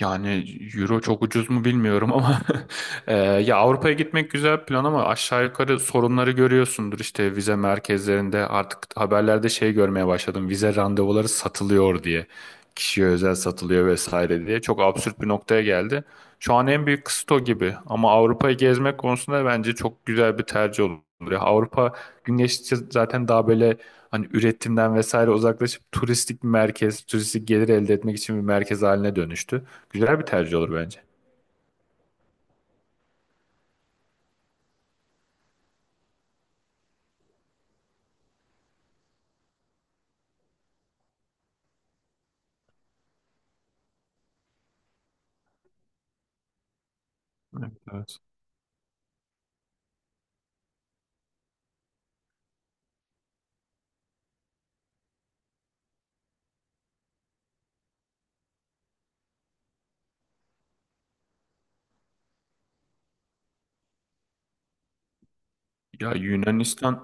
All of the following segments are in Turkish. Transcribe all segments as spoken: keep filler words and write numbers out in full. Yani euro çok ucuz mu bilmiyorum ama e, ya Avrupa'ya gitmek güzel bir plan ama aşağı yukarı sorunları görüyorsundur işte vize merkezlerinde artık haberlerde şey görmeye başladım vize randevuları satılıyor diye kişiye özel satılıyor vesaire diye çok absürt bir noktaya geldi. Şu an en büyük kısıt o gibi ama Avrupa'yı gezmek konusunda bence çok güzel bir tercih olur. Ya Avrupa gün geçtikçe zaten daha böyle hani üretimden vesaire uzaklaşıp turistik bir merkez, turistik gelir elde etmek için bir merkez haline dönüştü. Güzel bir tercih olur bence. Evet, evet. Ya Yunanistan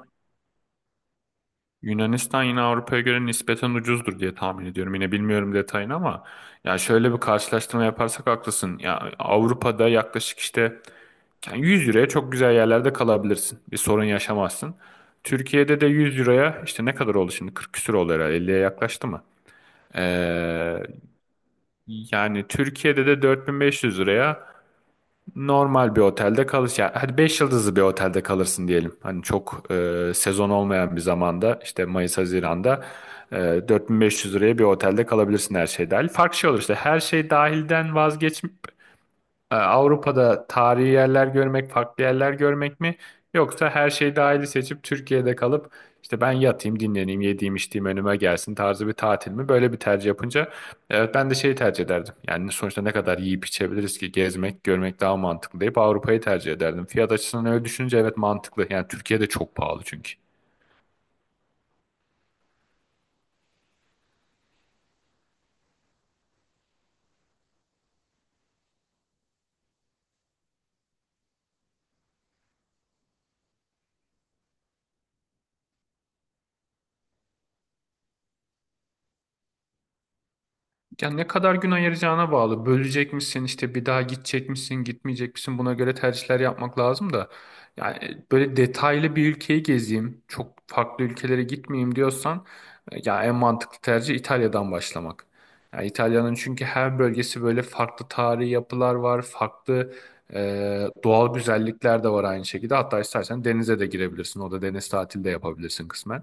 Yunanistan yine Avrupa'ya göre nispeten ucuzdur diye tahmin ediyorum. Yine bilmiyorum detayını ama ya şöyle bir karşılaştırma yaparsak haklısın. Ya Avrupa'da yaklaşık işte yani yüz euroya çok güzel yerlerde kalabilirsin. Bir sorun yaşamazsın. Türkiye'de de yüz euroya işte ne kadar oldu şimdi? kırk küsür oldu herhalde. elliye yaklaştı mı? Ee, yani Türkiye'de de dört bin beş yüz liraya normal bir otelde kalış, yani hadi beş yıldızlı bir otelde kalırsın diyelim. Hani çok e, sezon olmayan bir zamanda işte Mayıs Haziran'da e, dört bin beş yüz liraya bir otelde kalabilirsin her şey dahil. Farklı şey olur işte, her şey dahilden vazgeç. E, Avrupa'da tarihi yerler görmek, farklı yerler görmek mi? Yoksa her şeyi dahili seçip Türkiye'de kalıp işte ben yatayım, dinleneyim, yediğim, içtiğim önüme gelsin tarzı bir tatil mi? Böyle bir tercih yapınca evet ben de şeyi tercih ederdim. Yani sonuçta ne kadar yiyip içebiliriz ki, gezmek, görmek daha mantıklı deyip Avrupa'yı tercih ederdim. Fiyat açısından öyle düşününce evet mantıklı. Yani Türkiye'de çok pahalı çünkü. Ya ne kadar gün ayıracağına bağlı. Bölecek misin, işte bir daha gidecek misin gitmeyecek misin, buna göre tercihler yapmak lazım da. Yani böyle detaylı bir ülkeyi gezeyim çok farklı ülkelere gitmeyeyim diyorsan, e, ya en mantıklı tercih İtalya'dan başlamak. Ya İtalya'nın çünkü her bölgesi böyle farklı, tarihi yapılar var, farklı e, doğal güzellikler de var aynı şekilde. Hatta istersen denize de girebilirsin, o da deniz tatili de yapabilirsin kısmen.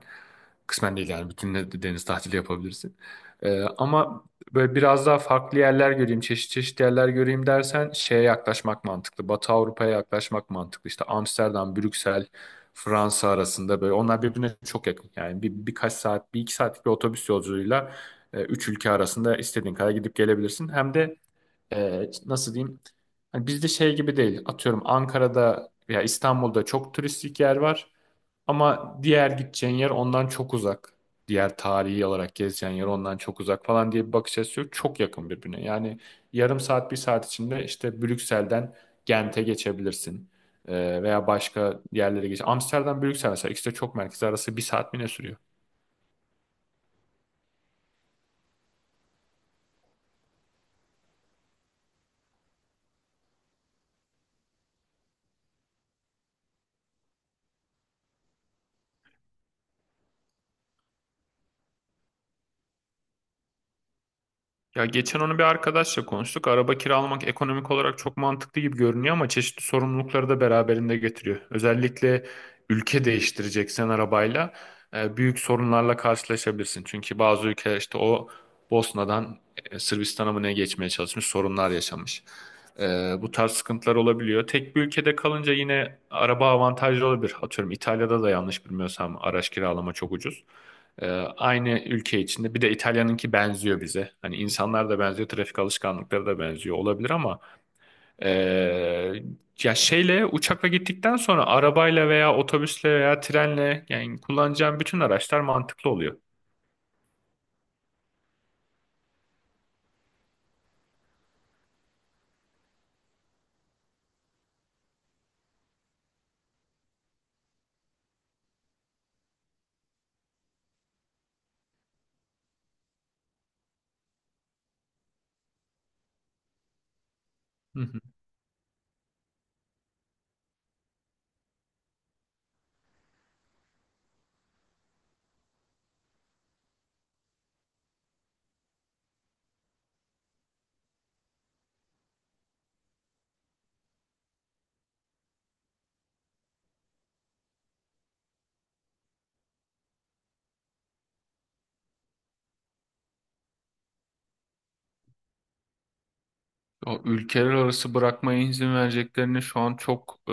Kısmen değil yani bütün, de- deniz tatili yapabilirsin. Ee, ama böyle biraz daha farklı yerler göreyim, çeşit çeşit yerler göreyim dersen şeye yaklaşmak mantıklı. Batı Avrupa'ya yaklaşmak mantıklı. İşte Amsterdam, Brüksel, Fransa arasında böyle, onlar birbirine çok yakın. Yani bir, birkaç saat, bir iki saatlik bir otobüs yolculuğuyla e, üç ülke arasında istediğin kadar gidip gelebilirsin. Hem de e, nasıl diyeyim? Hani bizde şey gibi değil. Atıyorum Ankara'da veya İstanbul'da çok turistik yer var. Ama diğer gideceğin yer ondan çok uzak. Diğer tarihi olarak gezeceğin yer ondan çok uzak falan diye bir bakış açısı yok. Çok yakın birbirine. Yani yarım saat, bir saat içinde işte Brüksel'den Gent'e geçebilirsin. Ee, veya başka yerlere geç. Amsterdam, Brüksel mesela, ikisi de çok merkez arası bir saat mi ne sürüyor? Ya geçen onu bir arkadaşla konuştuk. Araba kiralamak ekonomik olarak çok mantıklı gibi görünüyor ama çeşitli sorumlulukları da beraberinde getiriyor. Özellikle ülke değiştireceksen arabayla e, büyük sorunlarla karşılaşabilirsin. Çünkü bazı ülkeler işte o Bosna'dan e, Sırbistan'a mı ne geçmeye çalışmış, sorunlar yaşamış. E, bu tarz sıkıntılar olabiliyor. Tek bir ülkede kalınca yine araba avantajlı olabilir. Atıyorum İtalya'da da yanlış bilmiyorsam araç kiralama çok ucuz. Ee, aynı ülke içinde. Bir de İtalya'nınki benziyor bize. Hani insanlar da benziyor, trafik alışkanlıkları da benziyor olabilir ama ee, ya şeyle, uçakla gittikten sonra arabayla veya otobüsle veya trenle, yani kullanacağım bütün araçlar mantıklı oluyor. Hı hı. O ülkeler arası bırakmaya izin vereceklerini şu an çok e,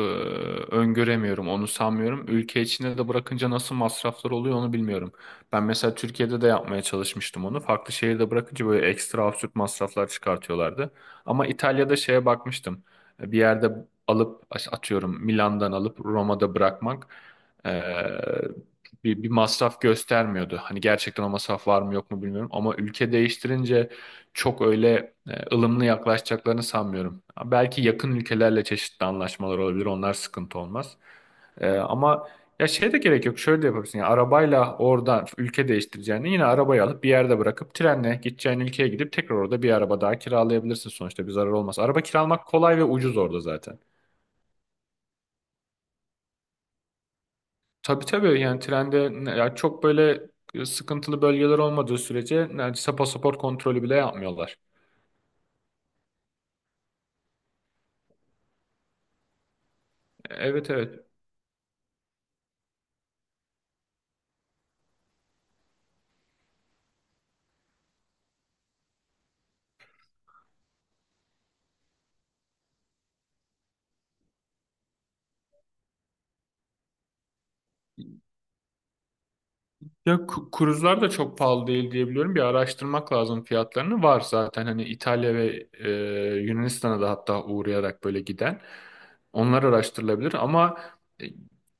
öngöremiyorum. Onu sanmıyorum. Ülke içinde de bırakınca nasıl masraflar oluyor onu bilmiyorum. Ben mesela Türkiye'de de yapmaya çalışmıştım onu. Farklı şehirde bırakınca böyle ekstra absürt masraflar çıkartıyorlardı. Ama İtalya'da şeye bakmıştım. E, Bir yerde alıp, atıyorum Milan'dan alıp Roma'da bırakmak e, bir, bir masraf göstermiyordu. Hani gerçekten o masraf var mı yok mu bilmiyorum. Ama ülke değiştirince çok öyle e, ılımlı yaklaşacaklarını sanmıyorum. Belki yakın ülkelerle çeşitli anlaşmalar olabilir. Onlar sıkıntı olmaz. E, ama ya şey de gerek yok. Şöyle de yapabilirsin. Ya arabayla oradan ülke değiştireceğini yine arabayı alıp bir yerde bırakıp, trenle gideceğin ülkeye gidip tekrar orada bir araba daha kiralayabilirsin, sonuçta bir zarar olmaz. Araba kiralamak kolay ve ucuz orada zaten. Tabii tabii, yani trende ne- ya çok böyle sıkıntılı bölgeler olmadığı sürece neredeyse pasaport kontrolü bile yapmıyorlar. Evet evet. Ya ku- kruzlar da çok pahalı değil diyebiliyorum. Bir araştırmak lazım fiyatlarını. Var zaten hani İtalya ve e, Yunanistan'a da hatta uğrayarak böyle giden. Onlar araştırılabilir ama e,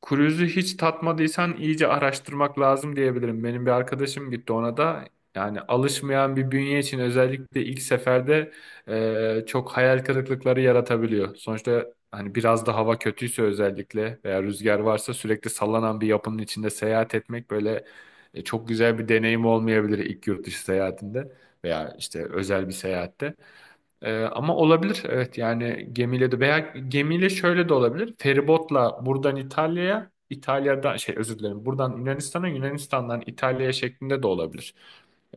kruzu hiç tatmadıysan iyice araştırmak lazım diyebilirim. Benim bir arkadaşım gitti, ona da, yani alışmayan bir bünye için özellikle ilk seferde e, çok hayal kırıklıkları yaratabiliyor. Sonuçta hani biraz da hava kötüyse özellikle veya rüzgar varsa, sürekli sallanan bir yapının içinde seyahat etmek böyle e, çok güzel bir deneyim olmayabilir ilk yurt dışı seyahatinde veya işte özel bir seyahatte. E, ama olabilir evet, yani gemiyle de, veya gemiyle şöyle de olabilir. Feribotla buradan İtalya'ya, İtalya'dan şey, özür dilerim, buradan Yunanistan'a, Yunanistan'dan İtalya'ya şeklinde de olabilir.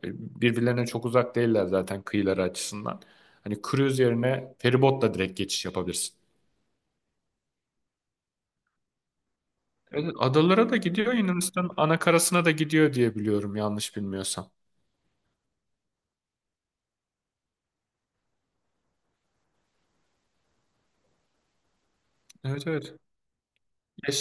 E, birbirlerine çok uzak değiller zaten kıyıları açısından. Hani cruise yerine feribotla direkt geçiş yapabilirsin. Evet, adalara da gidiyor, Yunanistan'ın ana karasına da gidiyor diye biliyorum, yanlış bilmiyorsam. Evet evet. Ya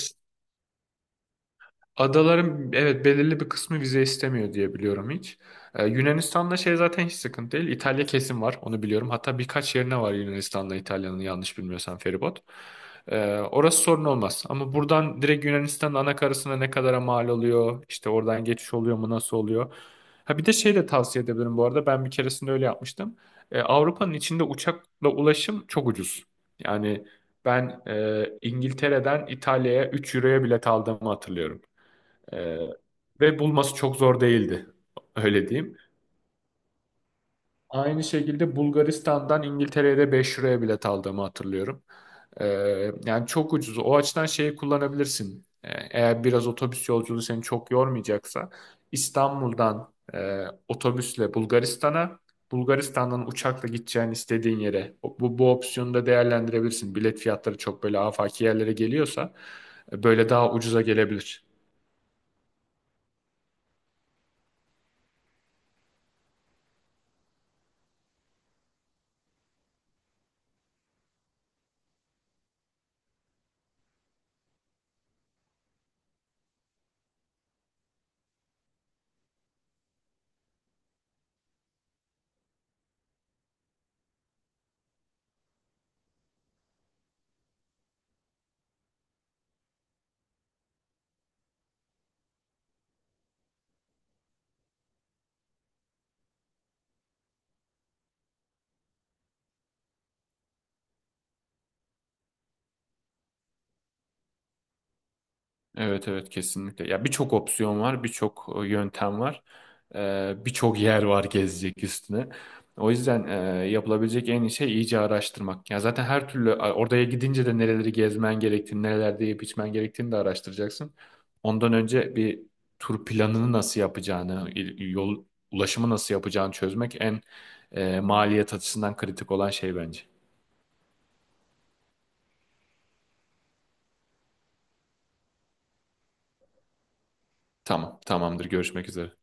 adaların evet belirli bir kısmı vize istemiyor diye biliyorum hiç. Ee, Yunanistan'da şey zaten hiç sıkıntı değil. İtalya kesin var, onu biliyorum. Hatta birkaç yerine var Yunanistan'la İtalya'nın, yanlış bilmiyorsam, feribot. Ee, orası sorun olmaz. Ama buradan direkt Yunanistan'ın ana karasına ne kadara mal oluyor? İşte oradan geçiş oluyor mu, nasıl oluyor? Ha, bir de şey de tavsiye edebilirim bu arada. Ben bir keresinde öyle yapmıştım. Ee, Avrupa'nın içinde uçakla ulaşım çok ucuz. Yani ben e, İngiltere'den İtalya'ya üç euroya bilet aldığımı hatırlıyorum. Ee, ve bulması çok zor değildi. Öyle diyeyim. Aynı şekilde Bulgaristan'dan İngiltere'ye de beş liraya bilet aldığımı hatırlıyorum. Ee, yani çok ucuz. O açıdan şeyi kullanabilirsin. Ee, eğer biraz otobüs yolculuğu seni çok yormayacaksa, İstanbul'dan e, otobüsle Bulgaristan'a, Bulgaristan'dan uçakla gideceğin istediğin yere, O- bu, bu opsiyonu da değerlendirebilirsin. Bilet fiyatları çok böyle afaki yerlere geliyorsa e, böyle daha ucuza gelebilir. Evet evet, kesinlikle. Ya birçok opsiyon var, birçok e, yöntem var. Ee, birçok yer var gezecek üstüne. O yüzden e, yapılabilecek en iyi şey iyice araştırmak. Ya zaten her türlü e, oraya gidince de nereleri gezmen gerektiğini, nelerde yiyip içmen gerektiğini de araştıracaksın. Ondan önce bir tur planını nasıl yapacağını, il- yol ulaşımı nasıl yapacağını çözmek, en e, maliyet açısından kritik olan şey bence. Tamam, tamamdır. Görüşmek üzere.